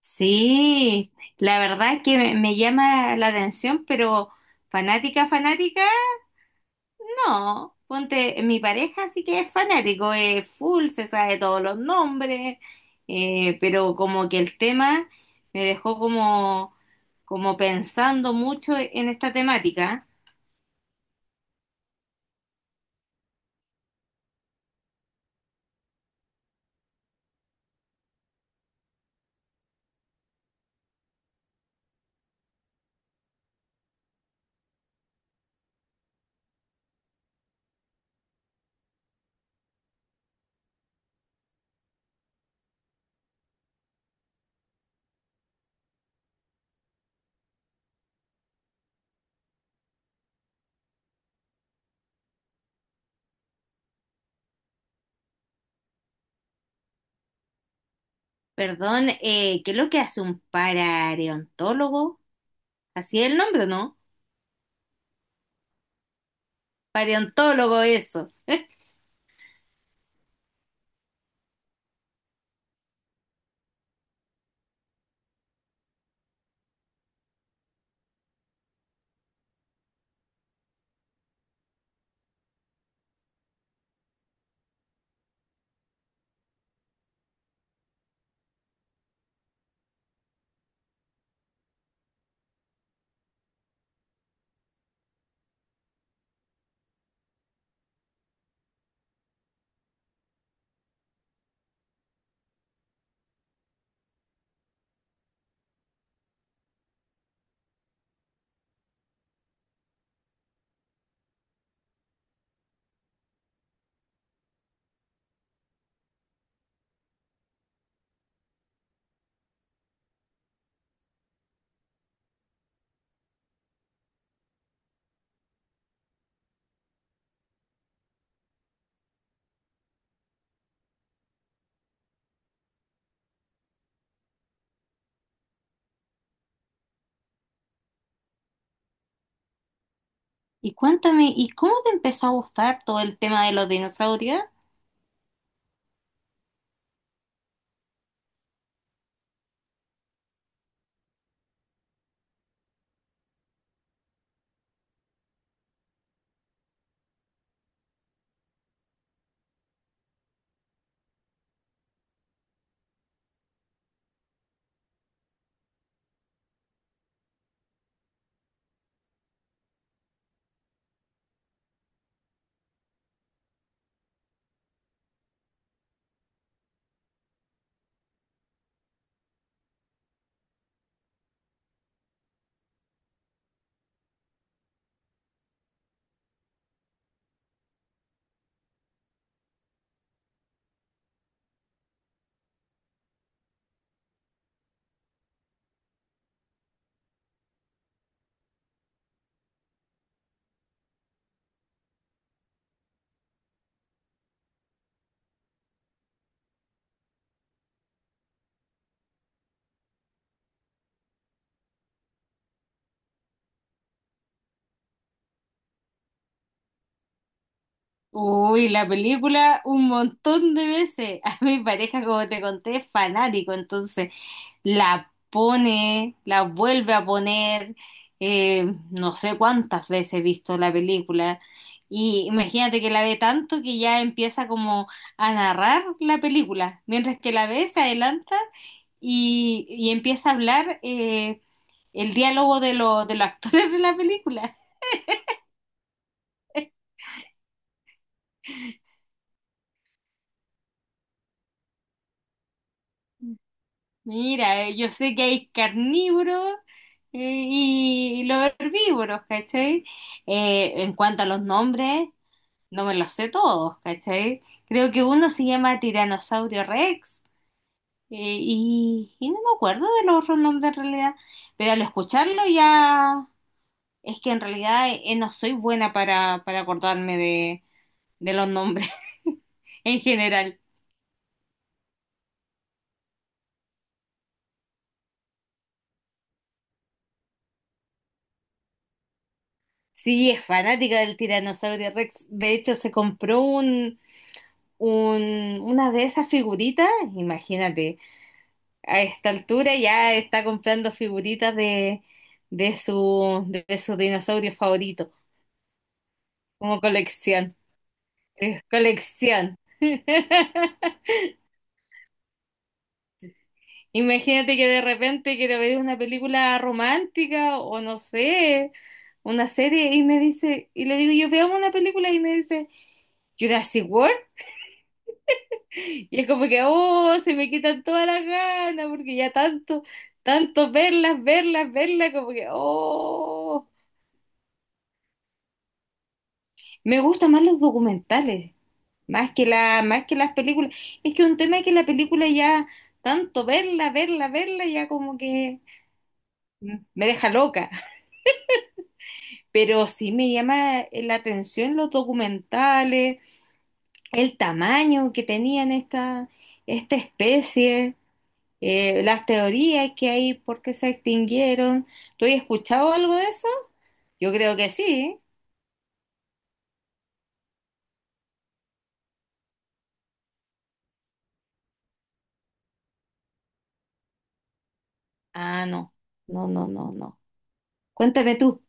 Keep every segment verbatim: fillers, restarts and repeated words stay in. Sí, la verdad es que me, me llama la atención, pero fanática, fanática, no. Ponte, mi pareja sí que es fanático, es full, se sabe todos los nombres, eh, pero como que el tema me dejó como, como pensando mucho en esta temática. Perdón, eh, ¿qué es lo que hace un paraontólogo? Así es el nombre, ¿no? Paraontólogo, eso. Y cuéntame, ¿y cómo te empezó a gustar todo el tema de los dinosaurios? Uy, la película un montón de veces. A mi pareja, como te conté, es fanático, entonces la pone, la vuelve a poner, eh, no sé cuántas veces he visto la película. Y imagínate que la ve tanto que ya empieza como a narrar la película, mientras que la ve se adelanta y, y empieza a hablar. Eh, el diálogo de, lo- de los actores de la película. Mira, eh, yo sé que hay carnívoros eh, y los herbívoros, ¿cachai? Eh, en cuanto a los nombres, no me los sé todos, ¿cachai? Creo que uno se llama Tiranosaurio Rex eh, y, y no me acuerdo de los otros nombres en realidad, pero al escucharlo ya es que en realidad eh, no soy buena para, para acordarme de, de los nombres en general. Sí, es fanática del tiranosaurio Rex. De hecho, se compró un, un- una de esas figuritas. Imagínate, a esta altura ya está comprando figuritas de, de su, de su dinosaurio favorito, como colección. Es colección. Imagínate que de repente quiero ver una película romántica o no sé, una serie y me dice, y le digo, yo veamos una película y me dice, Jurassic World. Y es como que, oh, se me quitan todas las ganas, porque ya tanto, tanto verlas, verlas, verlas, como que, oh. Me gustan más los documentales, más que la, más que las películas. Es que un tema es que la película ya, tanto verla, verla, verla, ya como que mm, me deja loca. Pero sí me llama la atención los documentales, el tamaño que tenían esta, esta especie. Eh, las teorías que hay por qué se extinguieron. ¿Tú has escuchado algo de eso? Yo creo que sí. Ah, no, no, no, no, no. Cuéntame tú.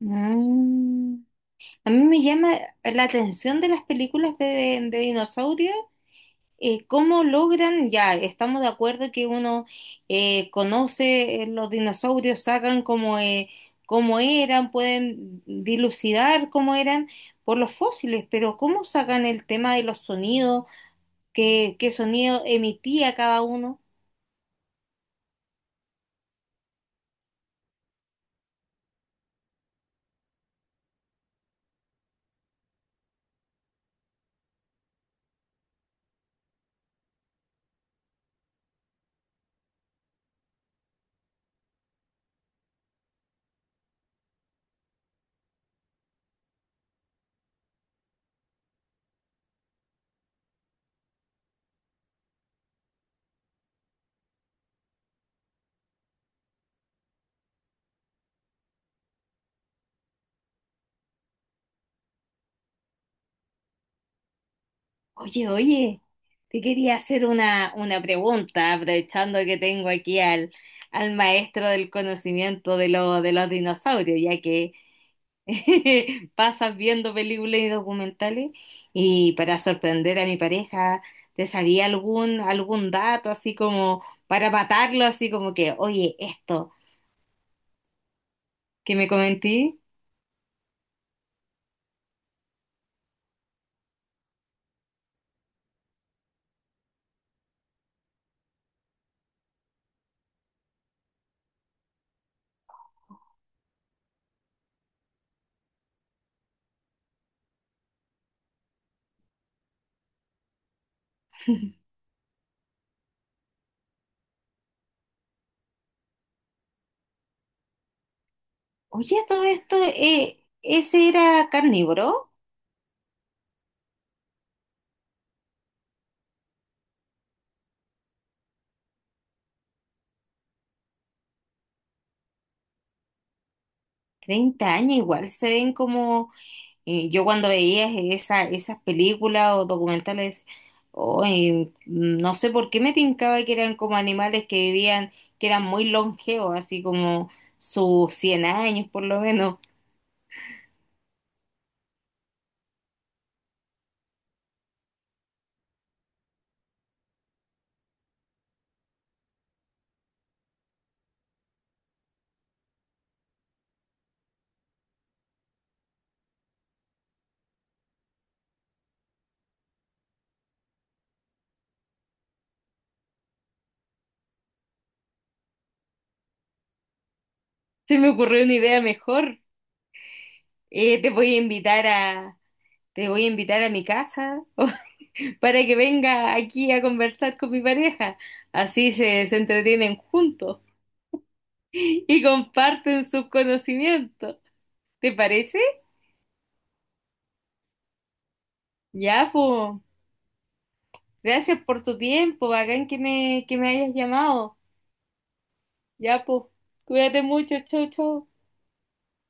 Mm. A mí me llama la atención de las películas de, de dinosaurios, eh, cómo logran, ya, estamos de acuerdo que uno eh, conoce eh, los dinosaurios, sacan cómo, eh, cómo eran, pueden dilucidar cómo eran por los fósiles, pero cómo sacan el tema de los sonidos, qué, qué sonido emitía cada uno. Oye, oye, te quería hacer una, una pregunta, aprovechando que tengo aquí al, al maestro del conocimiento de, lo- de los dinosaurios, ya que pasas viendo películas y documentales, y para sorprender a mi pareja, ¿te sabía algún, algún dato así como para matarlo, así como que, oye, esto que me comenté? Oye, todo esto, eh, ¿ese era carnívoro? Treinta años igual se ven como eh, yo cuando veía esa, esas películas o documentales, oh, eh, no sé por qué me tincaba que eran como animales que vivían, que eran muy longevos, así como sus cien años por lo menos. Se me ocurrió una idea mejor. Eh, te voy a invitar a, te voy a invitar a mi casa para que venga aquí a conversar con mi pareja. Así se, se entretienen juntos y comparten sus conocimientos. ¿Te parece? Ya, po. Gracias por tu tiempo. Bacán que me, que me hayas llamado. Ya, po. Cuídate mucho. Chau, chau.